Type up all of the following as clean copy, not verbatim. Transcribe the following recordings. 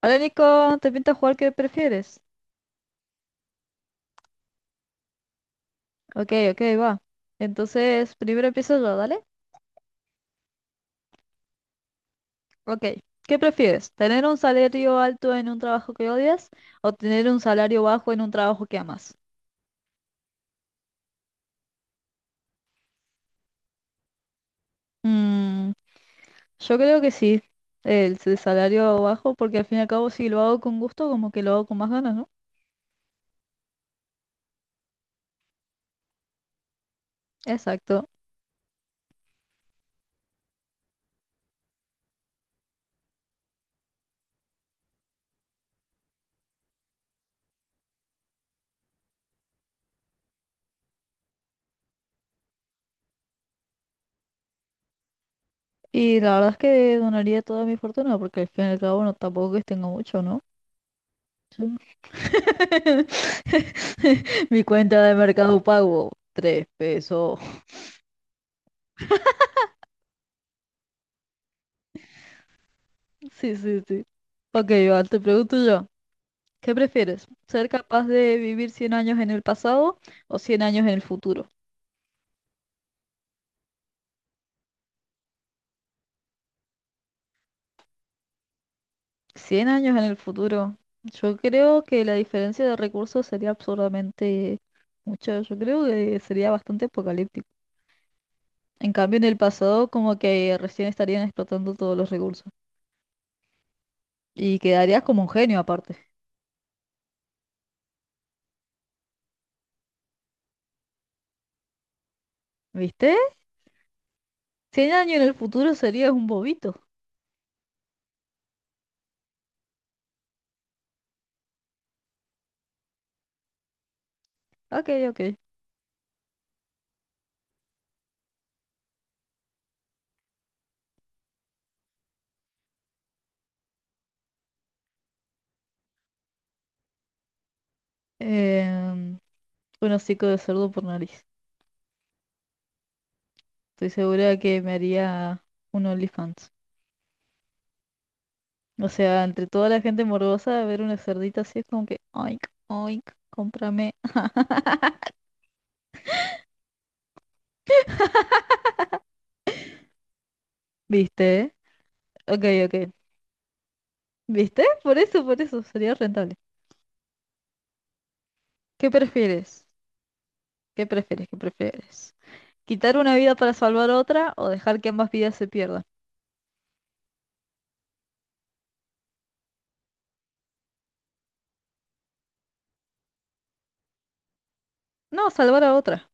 Hola Nico, ¿te pinta jugar qué prefieres? Ok, ok, va. Entonces, primero empiezo yo, ¿dale? Ok, ¿qué prefieres? ¿Tener un salario alto en un trabajo que odias o tener un salario bajo en un trabajo que amas? Mm, yo creo que sí, salario bajo, porque al fin y al cabo si lo hago con gusto, como que lo hago con más ganas, ¿no? Exacto. Y la verdad es que donaría toda mi fortuna, porque al fin y al cabo no, tampoco es que tengo mucho, ¿no? Mi cuenta de Mercado Pago, 3 pesos. Sí, sí, sí. Ok, Iván, te pregunto yo, ¿qué prefieres? ¿Ser capaz de vivir 100 años en el pasado o 100 años en el futuro? 100 años en el futuro. Yo creo que la diferencia de recursos sería absurdamente mucha. Yo creo que sería bastante apocalíptico. En cambio, en el pasado, como que recién estarían explotando todos los recursos. Y quedarías como un genio aparte. ¿Viste? 100 años en el futuro serías un bobito. Ok, ok. Em, un hocico de cerdo por nariz. Estoy segura que me haría un OnlyFans. O sea, entre toda la gente morbosa, ver una cerdita así es como que, oink, oink, cómprame. ¿Viste? Ok, ok. ¿Viste? Por eso, sería rentable. ¿Qué prefieres? ¿Qué prefieres? ¿Quitar una vida para salvar otra o dejar que ambas vidas se pierdan? No, salvar a otra.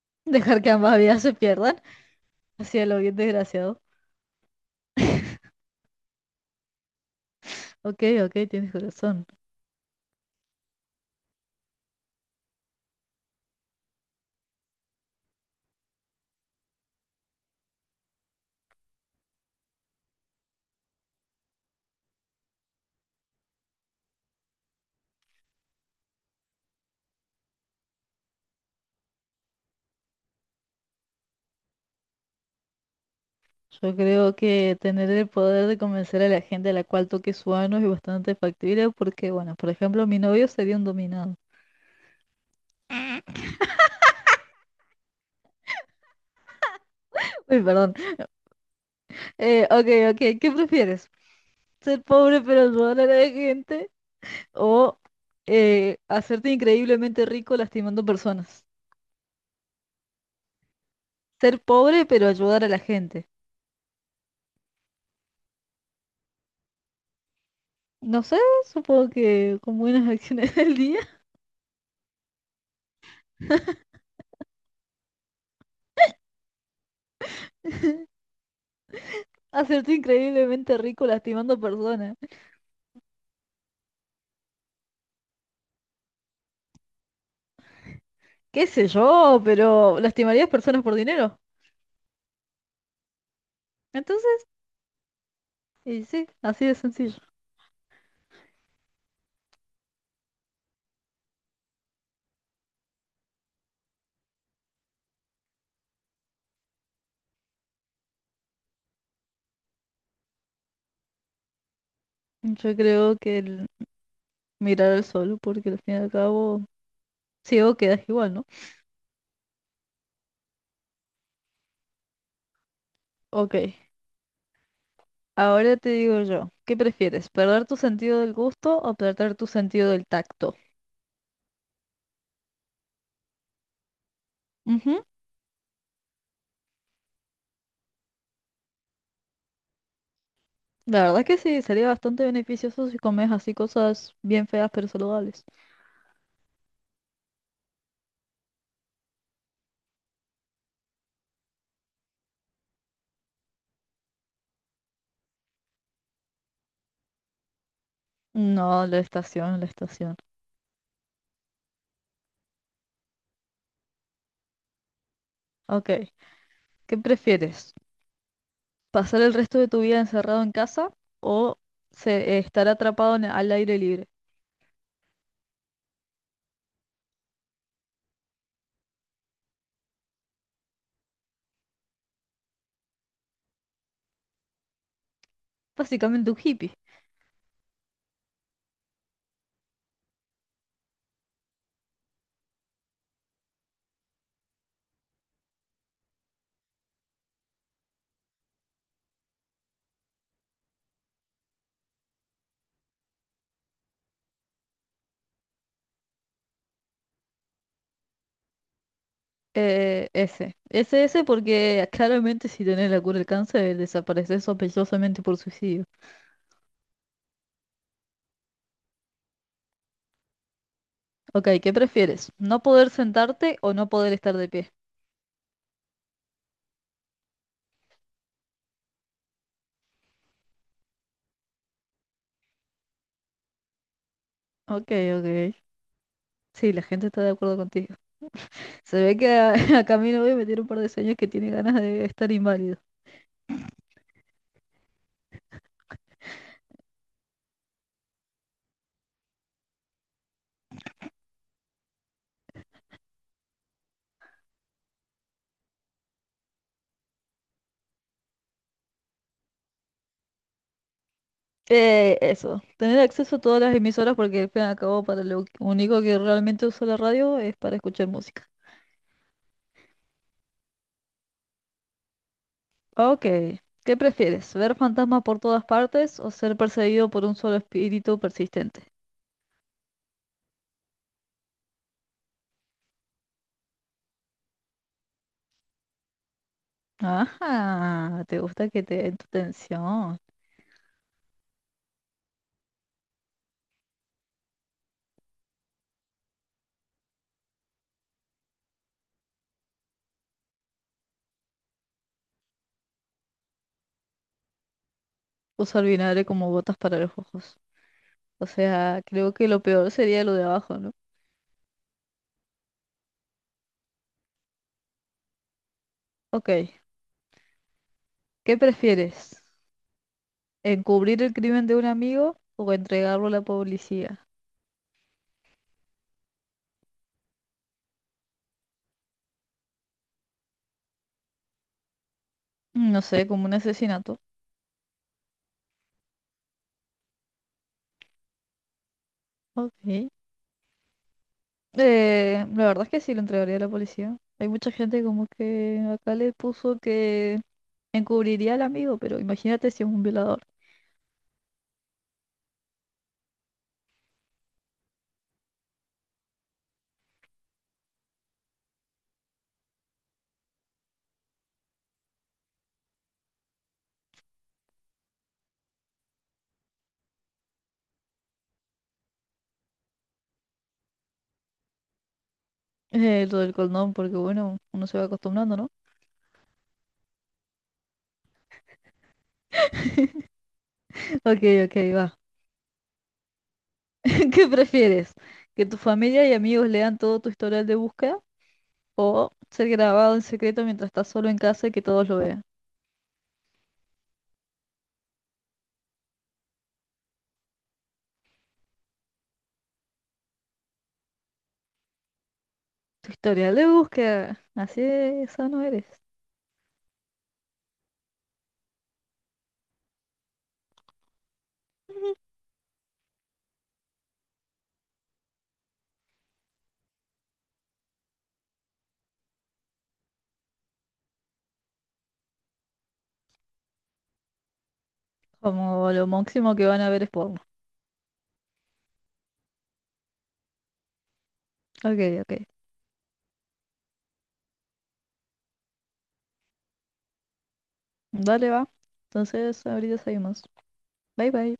Dejar que ambas vidas se pierdan. Así a lo bien desgraciado. Ok, ok, tienes corazón. Yo creo que tener el poder de convencer a la gente a la cual toque su ano es bastante factible porque, bueno, por ejemplo, mi novio sería un dominado. Uy, perdón. Ok, ok, ¿qué prefieres? ¿Ser pobre pero ayudar a la gente o hacerte increíblemente rico lastimando personas? Ser pobre pero ayudar a la gente. No sé, supongo que con buenas acciones del día, hacerte increíblemente rico lastimando personas. Qué sé yo, pero lastimarías personas por dinero. Entonces, y sí, así de sencillo. Yo creo que el mirar al sol, porque al fin y al cabo, ciego quedas igual, ¿no? Ok, ahora te digo yo, ¿qué prefieres? ¿Perder tu sentido del gusto o perder tu sentido del tacto? Ujú. La verdad es que sí, sería bastante beneficioso si comes así cosas bien feas pero saludables. No, la estación, la estación. Ok, ¿qué prefieres? ¿Pasar el resto de tu vida encerrado en casa o estar atrapado al aire libre? Básicamente un hippie. Ese. Ese, ese porque claramente si tenés la cura del cáncer desapareces sospechosamente por suicidio. Ok, ¿qué prefieres? ¿No poder sentarte o no poder estar de pie? Ok, ok. Sí, la gente está de acuerdo contigo. Se ve que a, a Camilo hoy me tiene un par de sueños que tiene ganas de estar inválido. Eso, tener acceso a todas las emisoras porque al fin y al cabo para lo único que realmente uso la radio es para escuchar música. Ah, ok, ¿qué prefieres? ¿Ver fantasmas por todas partes o ser perseguido por un solo espíritu persistente? Ajá, te gusta que te den tu atención. Usar vinagre como botas para los ojos. O sea, creo que lo peor sería lo de abajo, ¿no? Ok, ¿qué prefieres? ¿Encubrir el crimen de un amigo o entregarlo a la policía? No sé, como un asesinato. Ok. La verdad es que sí lo entregaría a la policía. Hay mucha gente como que acá le puso que encubriría al amigo, pero imagínate si es un violador. Lo del condón, porque bueno, uno se va acostumbrando, ¿no? Ok, ok, va. ¿Qué prefieres? ¿Que tu familia y amigos lean todo tu historial de búsqueda? ¿O ser grabado en secreto mientras estás solo en casa y que todos lo vean? Tu historial de búsqueda. Así de sano eres. Como lo máximo que van a ver es porno. Ok, ok. Dale, va. Entonces, ahorita seguimos. Bye bye.